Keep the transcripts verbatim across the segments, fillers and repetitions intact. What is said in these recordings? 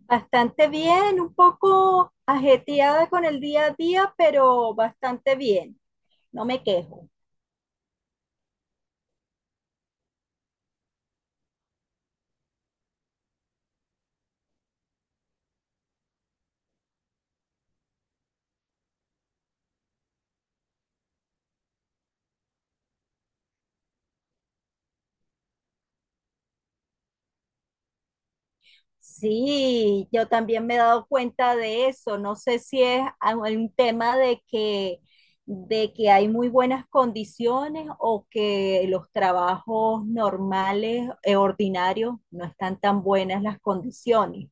Bastante bien, un poco ajetreada con el día a día, pero bastante bien. No me quejo. Sí, yo también me he dado cuenta de eso. No sé si es a- un tema de que, de que hay muy buenas condiciones o que los trabajos normales, eh, ordinarios, no están tan buenas las condiciones.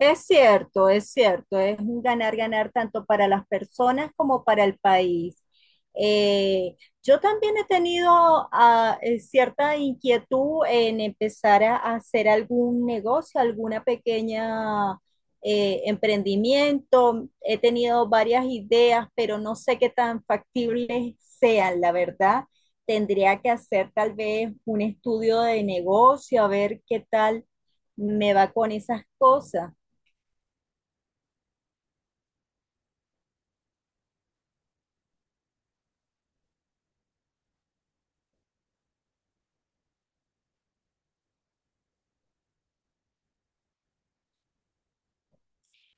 Es cierto, es cierto, es un ganar-ganar tanto para las personas como para el país. Eh, yo también he tenido ah, eh, cierta inquietud en empezar a hacer algún negocio, alguna pequeña eh, emprendimiento. He tenido varias ideas, pero no sé qué tan factibles sean, la verdad. Tendría que hacer tal vez un estudio de negocio, a ver qué tal me va con esas cosas.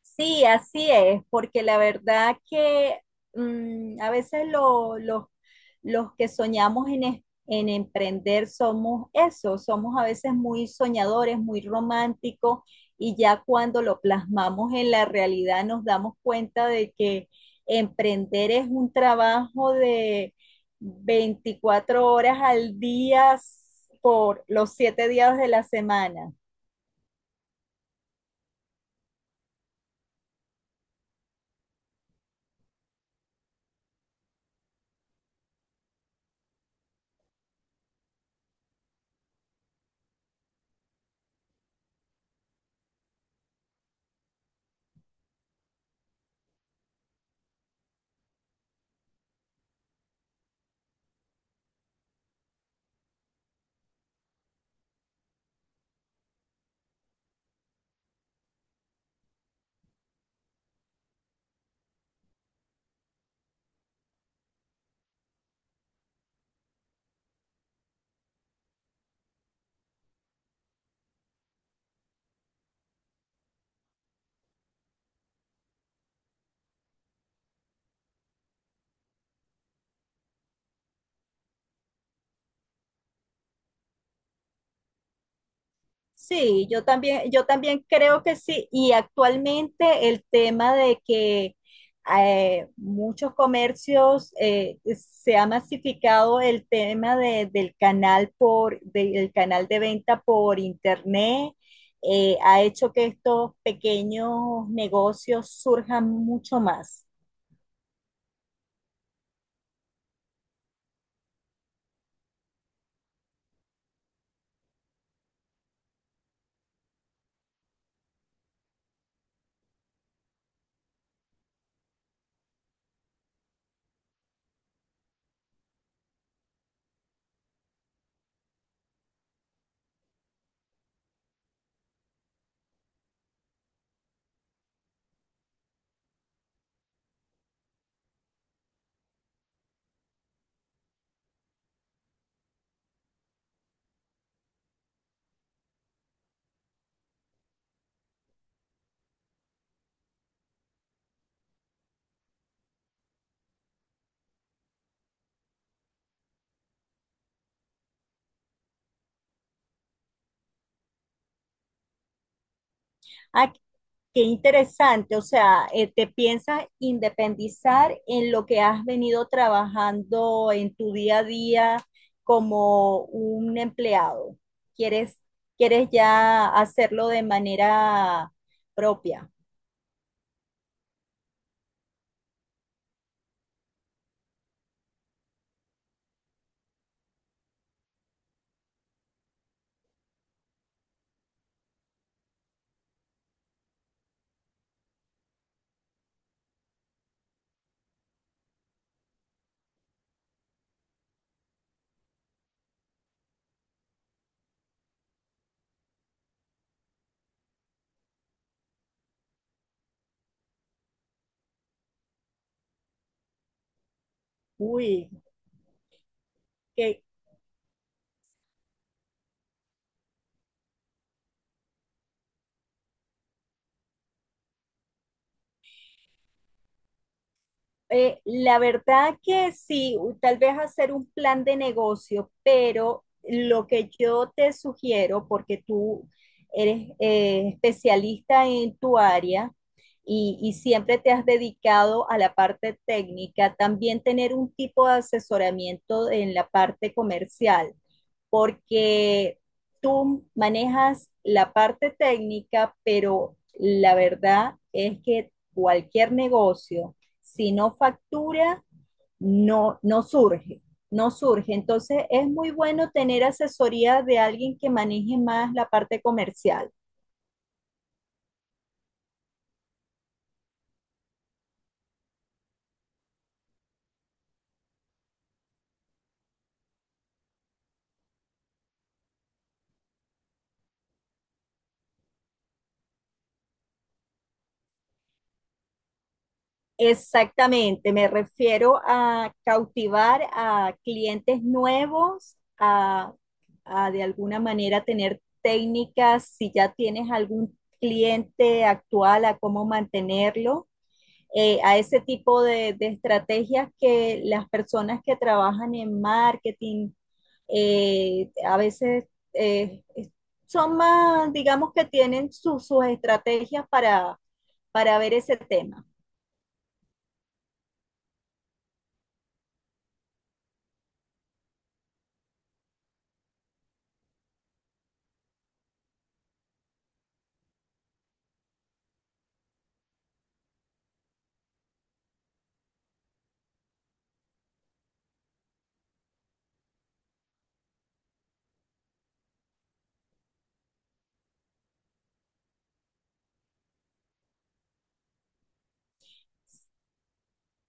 Sí, así es, porque la verdad que mm, a veces lo- los los que soñamos en, es- en emprender somos eso, somos a veces muy soñadores, muy románticos, y ya cuando lo plasmamos en la realidad nos damos cuenta de que emprender es un trabajo de veinticuatro horas al día s- por los siete días de la semana. Sí, yo también, yo también creo que sí. Y actualmente el tema de que eh, muchos comercios eh, se ha masificado el tema de- del canal por, del canal de venta por internet, eh, ha hecho que estos pequeños negocios surjan mucho más. Ah, qué interesante. O sea, eh, te piensas independizar en lo que has venido trabajando en tu día a día como un empleado. ¿Quieres, quieres ya hacerlo de manera propia? Uy, qué. Eh, la verdad que sí, tal vez hacer un plan de negocio, pero lo que yo te sugiero, porque tú eres eh, especialista en tu área y, y siempre te has dedicado a la parte técnica, también tener un tipo de asesoramiento en la parte comercial, porque tú manejas la parte técnica, pero la verdad es que cualquier negocio si no factura, no, no surge, no surge. Entonces es muy bueno tener asesoría de alguien que maneje más la parte comercial. Exactamente, me refiero a cautivar a clientes nuevos, a, a de alguna manera tener técnicas, si ya tienes algún cliente actual, a cómo mantenerlo, eh, a ese tipo de, de, estrategias que las personas que trabajan en marketing eh, a veces eh, son más, digamos que tienen su, sus estrategias para, para ver ese tema.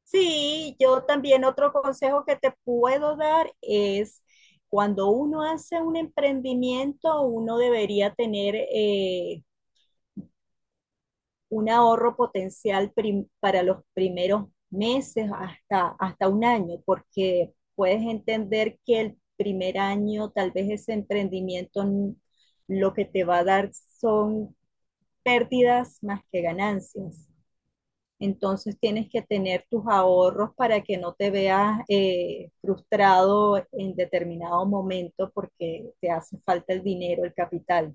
Sí, yo también otro consejo que te puedo dar es cuando uno hace un emprendimiento, uno debería tener eh, un ahorro potencial prim- para los primeros meses hasta, hasta un año, porque puedes entender que el primer año tal vez ese emprendimiento n- lo que te va a dar son pérdidas más que ganancias. Entonces tienes que tener tus ahorros para que no te veas eh, frustrado en determinado momento porque te hace falta el dinero, el capital.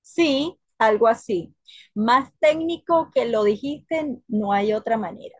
Sí, algo así. Más técnico que lo dijiste, no hay otra manera.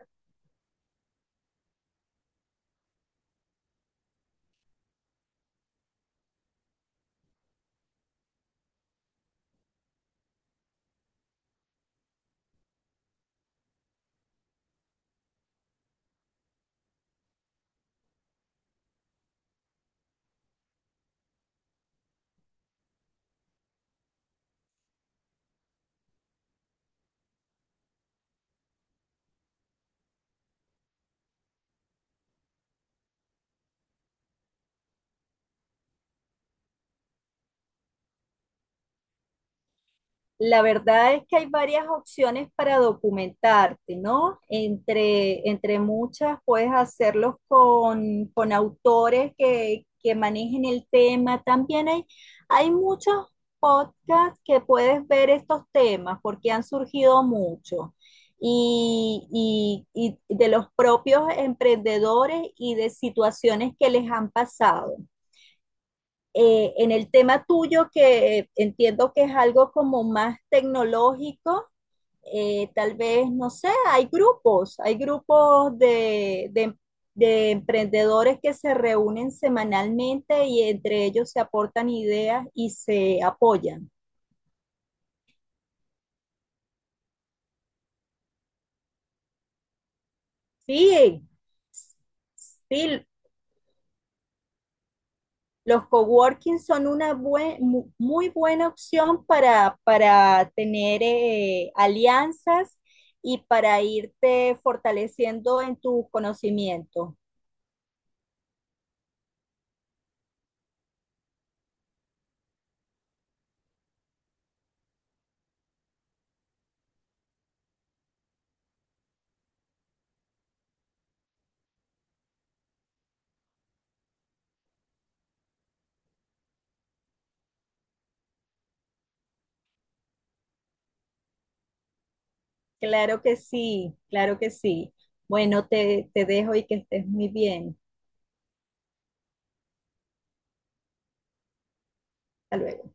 La verdad es que hay varias opciones para documentarte, ¿no? Entre, entre muchas puedes hacerlos con, con autores que, que manejen el tema. También hay, hay muchos podcasts que puedes ver estos temas porque han surgido mucho. Y, y- y de los propios emprendedores y de situaciones que les han pasado. Eh, en el tema tuyo, que entiendo que es algo como más tecnológico, eh, tal vez, no sé, hay grupos, hay grupos de, de, de emprendedores que se reúnen semanalmente y entre ellos se aportan ideas y se apoyan. Sí, sí, los coworking son una buen, muy buena opción para, para tener eh, alianzas y para irte fortaleciendo en tus conocimientos. Claro que sí, claro que sí. Bueno, te, te dejo y que estés muy bien. Hasta luego.